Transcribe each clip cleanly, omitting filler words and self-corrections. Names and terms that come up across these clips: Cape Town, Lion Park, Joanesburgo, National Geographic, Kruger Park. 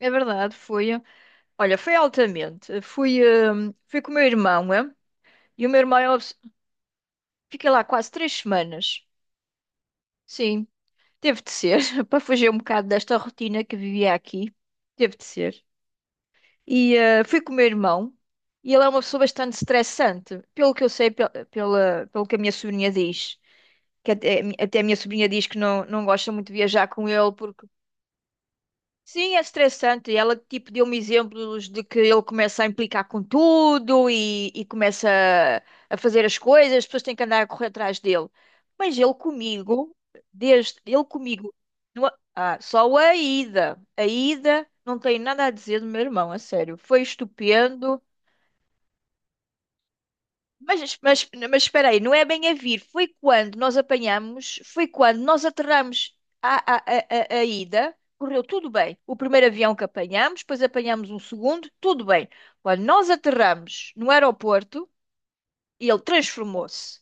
É verdade, foi. Olha, foi altamente. Fui com o meu irmão, é? E o meu irmão, eu fiquei lá quase 3 semanas. Sim, teve de ser, para fugir um bocado desta rotina que vivia aqui. Teve de ser. E fui com o meu irmão, e ele é uma pessoa bastante estressante, pelo que eu sei, pelo que a minha sobrinha diz. Que até a minha sobrinha diz que não, não gosta muito de viajar com ele, porque sim, é estressante. Ela tipo deu-me exemplos de que ele começa a implicar com tudo e começa a fazer as coisas, as pessoas têm que andar a correr atrás dele. Mas ele comigo, desde ele comigo, não- ah, só a ida não tem nada a dizer do meu irmão, a sério. Foi estupendo. Mas espera aí, não é bem a vir. Foi quando nós apanhamos, foi quando nós aterramos a ida, correu tudo bem. O primeiro avião que apanhamos, depois apanhamos um segundo, tudo bem. Quando nós aterramos no aeroporto, ele transformou-se.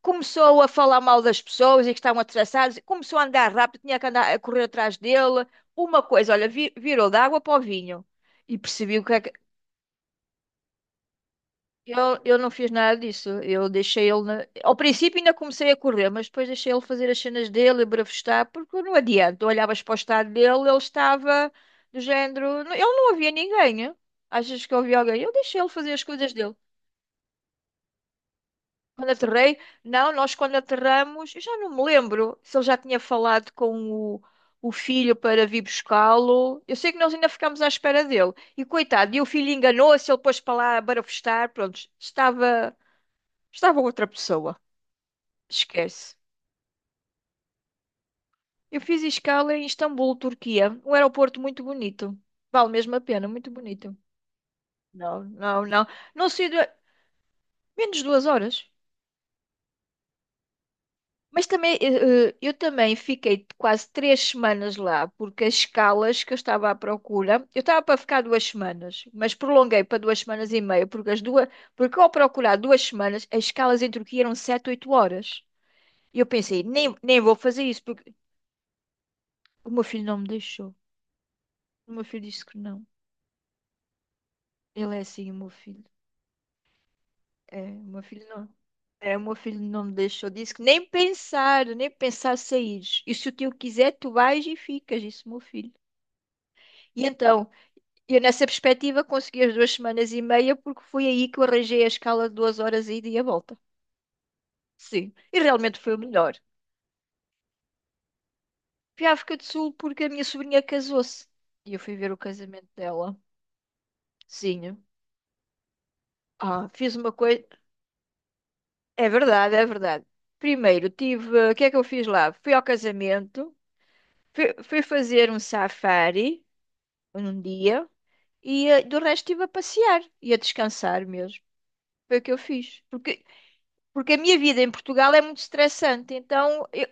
Começou a falar mal das pessoas e que estavam atrasados, começou a andar rápido, tinha que andar a correr atrás dele. Uma coisa, olha, virou da água para o vinho e percebi o que é que... Eu, eu não fiz nada disso. Eu deixei ele. Ao princípio ainda comecei a correr, mas depois deixei ele fazer as cenas dele, a bravestar, porque não adianta. Tu olhavas para o estado dele, ele estava do género. Ele não havia ninguém, hein? Achas que eu havia alguém? Eu deixei ele fazer as coisas dele. Quando aterrei, não, nós quando aterramos, eu já não me lembro se ele já tinha falado com o filho para vir buscá-lo. Eu sei que nós ainda ficámos à espera dele. E coitado, e o filho enganou-se, ele pôs para lá a barafustar, pronto, estava. Estava outra pessoa. Esquece. Eu fiz escala em Istambul, Turquia. Um aeroporto muito bonito. Vale mesmo a pena, muito bonito. Não, não, não. Não sei, menos de 2 horas. Mas também, eu também fiquei quase 3 semanas lá, porque as escalas que eu estava à procura, eu estava para ficar 2 semanas, mas prolonguei para 2 semanas e meia, porque as duas, porque ao procurar 2 semanas, as escalas em Turquia eram 7, 8 horas. E eu pensei, nem vou fazer isso, porque o meu filho não me deixou. O meu filho disse que não. Ele é assim, o meu filho. É, o meu filho não. É, o meu filho não me deixou disso. Que Nem pensar, nem pensar sair. E se o tio quiser, tu vais e ficas, disse o meu filho. E então, eu nessa perspectiva consegui as 2 semanas e meia, porque foi aí que eu arranjei a escala de 2 horas a ida e a volta. Sim, e realmente foi o melhor. Fui à África do Sul porque a minha sobrinha casou-se. E eu fui ver o casamento dela. Sim. Ah, fiz uma coisa. É verdade, é verdade. Primeiro, tive. O que é que eu fiz lá? Fui ao casamento. Fui fazer um safari num dia e do resto estive a passear e a descansar mesmo. Foi o que eu fiz. Porque, porque a minha vida em Portugal é muito estressante. Então,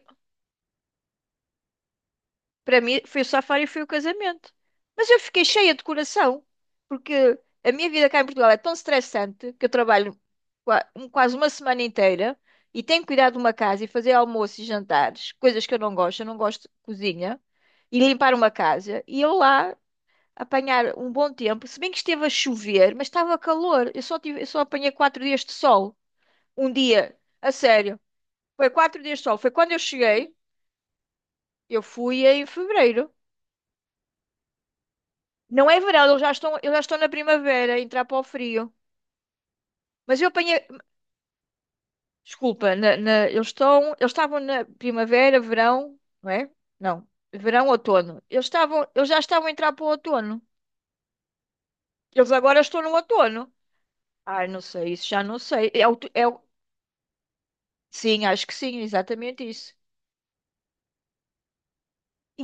para mim, foi o safari e foi o casamento. Mas eu fiquei cheia de coração. Porque a minha vida cá em Portugal é tão estressante que eu trabalho quase uma semana inteira e tenho que cuidar de uma casa e fazer almoço e jantares, coisas que eu não gosto. Eu não gosto de cozinha e limpar uma casa. E eu lá apanhar um bom tempo, se bem que esteve a chover, mas estava calor. Eu só apanhei 4 dias de sol. Um dia, a sério. Foi 4 dias de sol. Foi quando eu cheguei, eu fui em fevereiro. Não é verão, eles já estão na primavera, a entrar para o frio. Mas eu apanhei, desculpa, eles estavam na primavera, verão, não é? Não, verão, outono. Eles já estavam a entrar para o outono. Eles agora estão no outono. Ai, não sei, isso já não sei. É... sim, acho que sim, exatamente isso.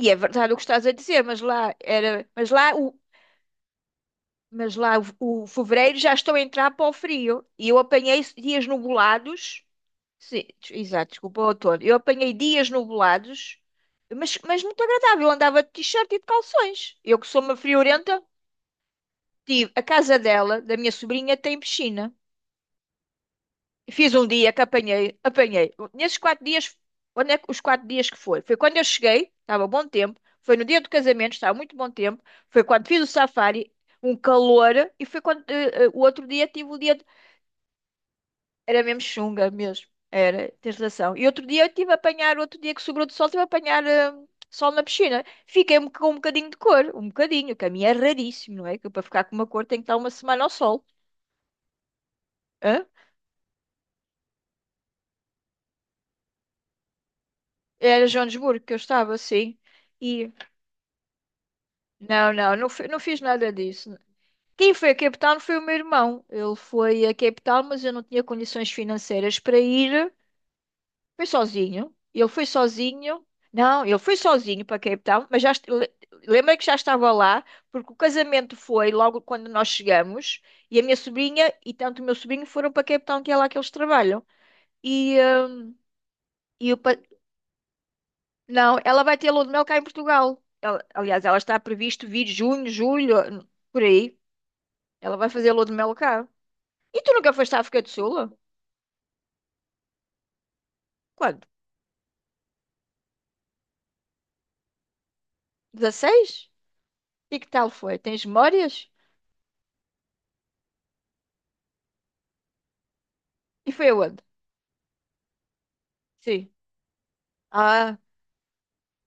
E é verdade o que estás a dizer, mas lá era, mas lá o fevereiro já estou a entrar para o frio. E eu apanhei dias nublados. Sim, exato, desculpa, outono. Eu apanhei dias nublados, mas muito agradável. Eu andava de t-shirt e de calções. Eu que sou uma friorenta, tive a casa dela, da minha sobrinha, tem piscina. Fiz um dia que apanhei, apanhei. Nesses 4 dias, onde é que os 4 dias que foi? Foi quando eu cheguei, estava bom tempo. Foi no dia do casamento, estava muito bom tempo. Foi quando fiz o safari, um calor. E foi quando o outro dia tive o dia. Era mesmo chunga mesmo. Era, tens razão. E outro dia eu tive a apanhar, outro dia que sobrou de sol, tive a apanhar sol na piscina. Fiquei com um bocadinho de cor, um bocadinho, que a minha é raríssimo, não é? Que eu, para ficar com uma cor tem que estar uma semana ao sol. Hã? Era Joanesburgo que eu estava, assim. Não, não, não, não fiz nada disso. Quem foi a Cape Town foi o meu irmão. Ele foi a Cape Town, mas eu não tinha condições financeiras para ir. Foi sozinho. Ele foi sozinho. Não, ele foi sozinho para Cape Town, mas lembra que já estava lá, porque o casamento foi logo quando nós chegamos, e a minha sobrinha e tanto o meu sobrinho foram para Cape Town, que é lá que eles trabalham. E, e o pa- não, ela vai ter lua de mel cá em Portugal. Aliás, ela está previsto vir junho, julho, por aí. Ela vai fazer a lua de mel cá. E tu nunca foste à África do Sul? Quando? 16. E que tal foi? Tens memórias? E foi aonde? Sim. Ah,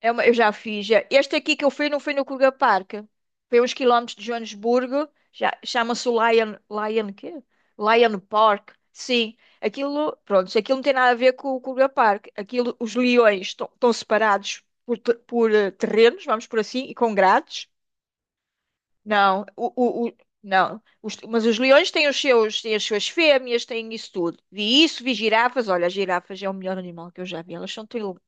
eu já fiz. Já. Este aqui que eu fui não foi no Kruger Park. Foi uns quilómetros de Joanesburgo. Já, chama-se o Lion... Lion quê? Lion Park. Sim. Aquilo, pronto, aquilo não tem nada a ver com o Kruger Park. Aquilo, os leões estão separados por, por terrenos, vamos por assim, e com grades. Não, o, o- não. Mas os leões têm os seus, têm as suas fêmeas, têm isso tudo. Vi isso, vi girafas. Olha, as girafas é o melhor animal que eu já vi. Elas são tão... ele-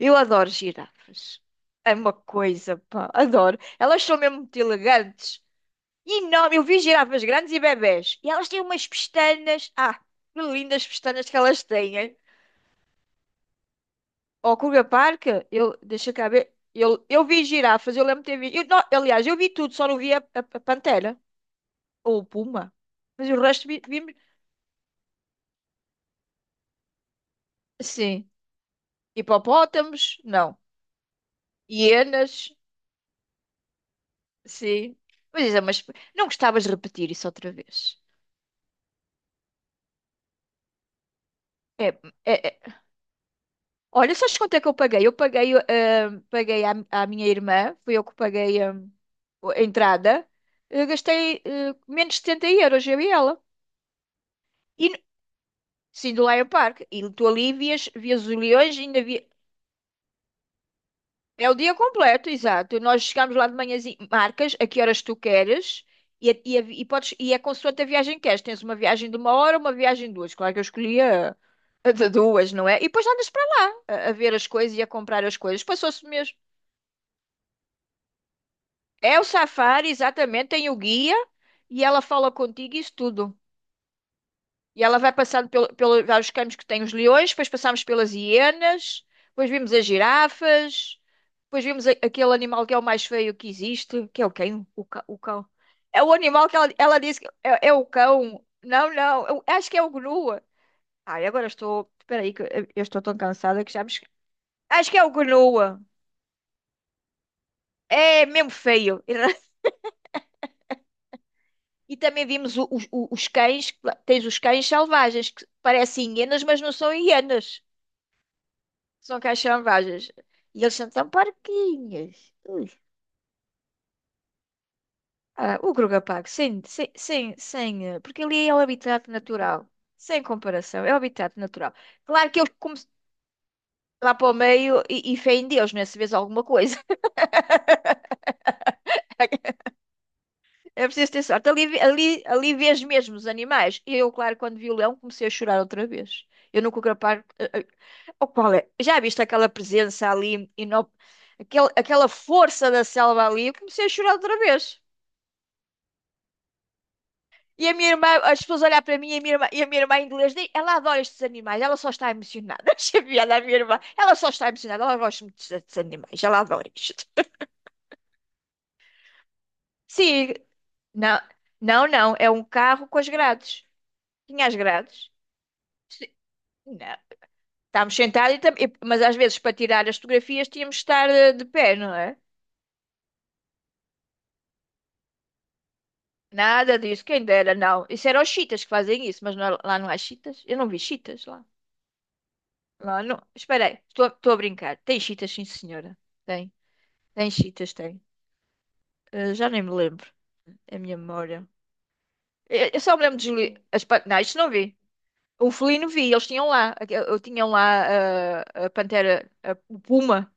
Eu adoro girafas. É uma coisa, pá, adoro. Elas são mesmo muito elegantes. E enorme. Eu vi girafas grandes e bebés. E elas têm umas pestanas. Ah, que lindas pestanas que elas têm, hein? Ao Kruger Park, eu, deixa cá ver. Eu vi girafas, eu lembro de ter visto. Eu, não, aliás, eu vi tudo, só não vi a pantera. Ou puma. Mas o resto vimos. Sim. Hipopótamos? Não. Hienas? Sim. Mas, não gostavas de repetir isso outra vez. É, é. Olha, sabes quanto é que eu paguei? Eu paguei à minha irmã, fui eu que paguei, a entrada. Eu gastei, menos de 70€, eu e ela. E, sim, do Lion Park. E tu ali vias, vias os leões, ainda vi... É o dia completo, exato. Nós chegamos lá de manhãzinha, marcas a que horas tu queres e, a vi- e podes, e é consoante a viagem que queres. Tens uma viagem de uma hora, uma viagem de duas. Claro que eu escolhia a de duas, não é? E depois andas para lá a ver as coisas e a comprar as coisas. Passou-se mesmo. É o safari, exatamente. Tem o guia e ela fala contigo isso tudo. E ela vai passando pelo vários caminhos que tem os leões, depois passamos pelas hienas, depois vimos as girafas, depois vimos aquele animal que é o mais feio que existe, que é o quem? O, o cão. É o animal que ela disse que é, é o cão. Não, não, eu acho que é o gnu. Ai, agora estou. Espera aí, que eu estou tão cansada que já me... Acho que é o gnu. É mesmo feio. E também vimos os cães, tens os cães selvagens, que parecem hienas, mas não são hienas. São caixambajas. E eles são tão parquinhos. Ui. Ah, o Grugapago, sem porque ali é o habitat natural. Sem comparação, é o habitat natural. Claro que eles como lá para o meio e fé em Deus, né? Se vês alguma coisa. É preciso ter sorte. Ali, ali vês mesmo os animais. E eu, claro, quando vi o leão, comecei a chorar outra vez. Eu nunca grapar. O qual é? Já viste aquela presença ali, e não, aquele, aquela força da selva ali? Eu comecei a chorar outra vez. E a minha irmã, as pessoas olhar para mim e a minha irmã, e a minha irmã em inglês, diz, ela adora estes animais, ela só está emocionada. Achei piada a minha irmã, ela só está emocionada, ela gosta muito destes animais, ela adora isto. Sim, não, não, não, é um carro com as grades. Tinha as grades. Sim. Não. Estávamos sentados, e, mas às vezes para tirar as fotografias tínhamos de estar de pé, não é? Nada disso, quem dera, não. Isso eram os chitas que fazem isso, mas lá não há chitas. Eu não vi chitas lá. Lá não. Espera aí, estou, estou a brincar. Tem chitas, sim, senhora. Tem. Tem Cheetas, tem. Já nem me lembro. É a minha memória. Eu só me lembro de Julie. As pan... Não, isto não vi. O felino vi, eles tinham lá. Eu tinham lá a pantera, o puma.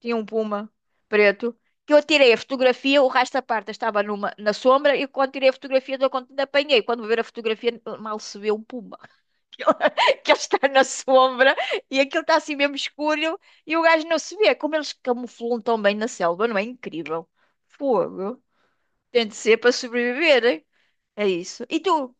Tinha um puma preto. Que eu tirei a fotografia, o resto da parte estava numa, na sombra. E quando tirei a fotografia, eu quando apanhei. Quando vou ver a fotografia, mal se vê um puma. Que ele que ele está na sombra e aquilo está assim mesmo escuro. E o gajo não se vê. Como eles camuflam tão bem na selva, não é incrível? Fogo. Tem de ser para sobreviver. É isso. E tu?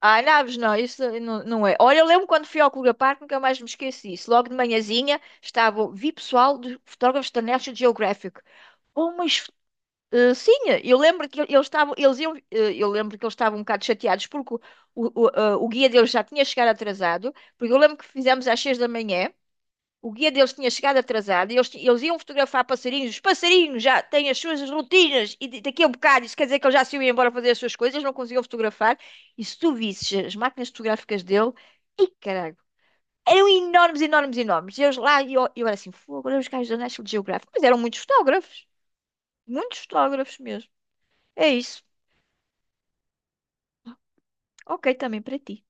Ah, naves, não, isso não, não é. Olha, eu lembro quando fui ao Clube Parque, nunca mais me esqueci disso. Logo de manhãzinha estava, vi pessoal de fotógrafos da National Geographic. Oh, mas sim, eu lembro que eles estavam, eles iam, eu lembro que eles estavam um bocado chateados porque o guia deles já tinha chegado atrasado, porque eu lembro que fizemos às 6 da manhã, o guia deles tinha chegado atrasado e eles, eles iam fotografar passarinhos. Os passarinhos já têm as suas rotinas e daqui a um bocado isso quer dizer que eles já se iam embora fazer as suas coisas, eles não conseguiam fotografar. E se tu visses as máquinas fotográficas dele, e caralho, eram enormes, enormes, enormes. E eles lá, e eu era assim, fogo, olha os gajos da National Geographic. Mas eram muitos fotógrafos mesmo. É isso. Ok, também para ti.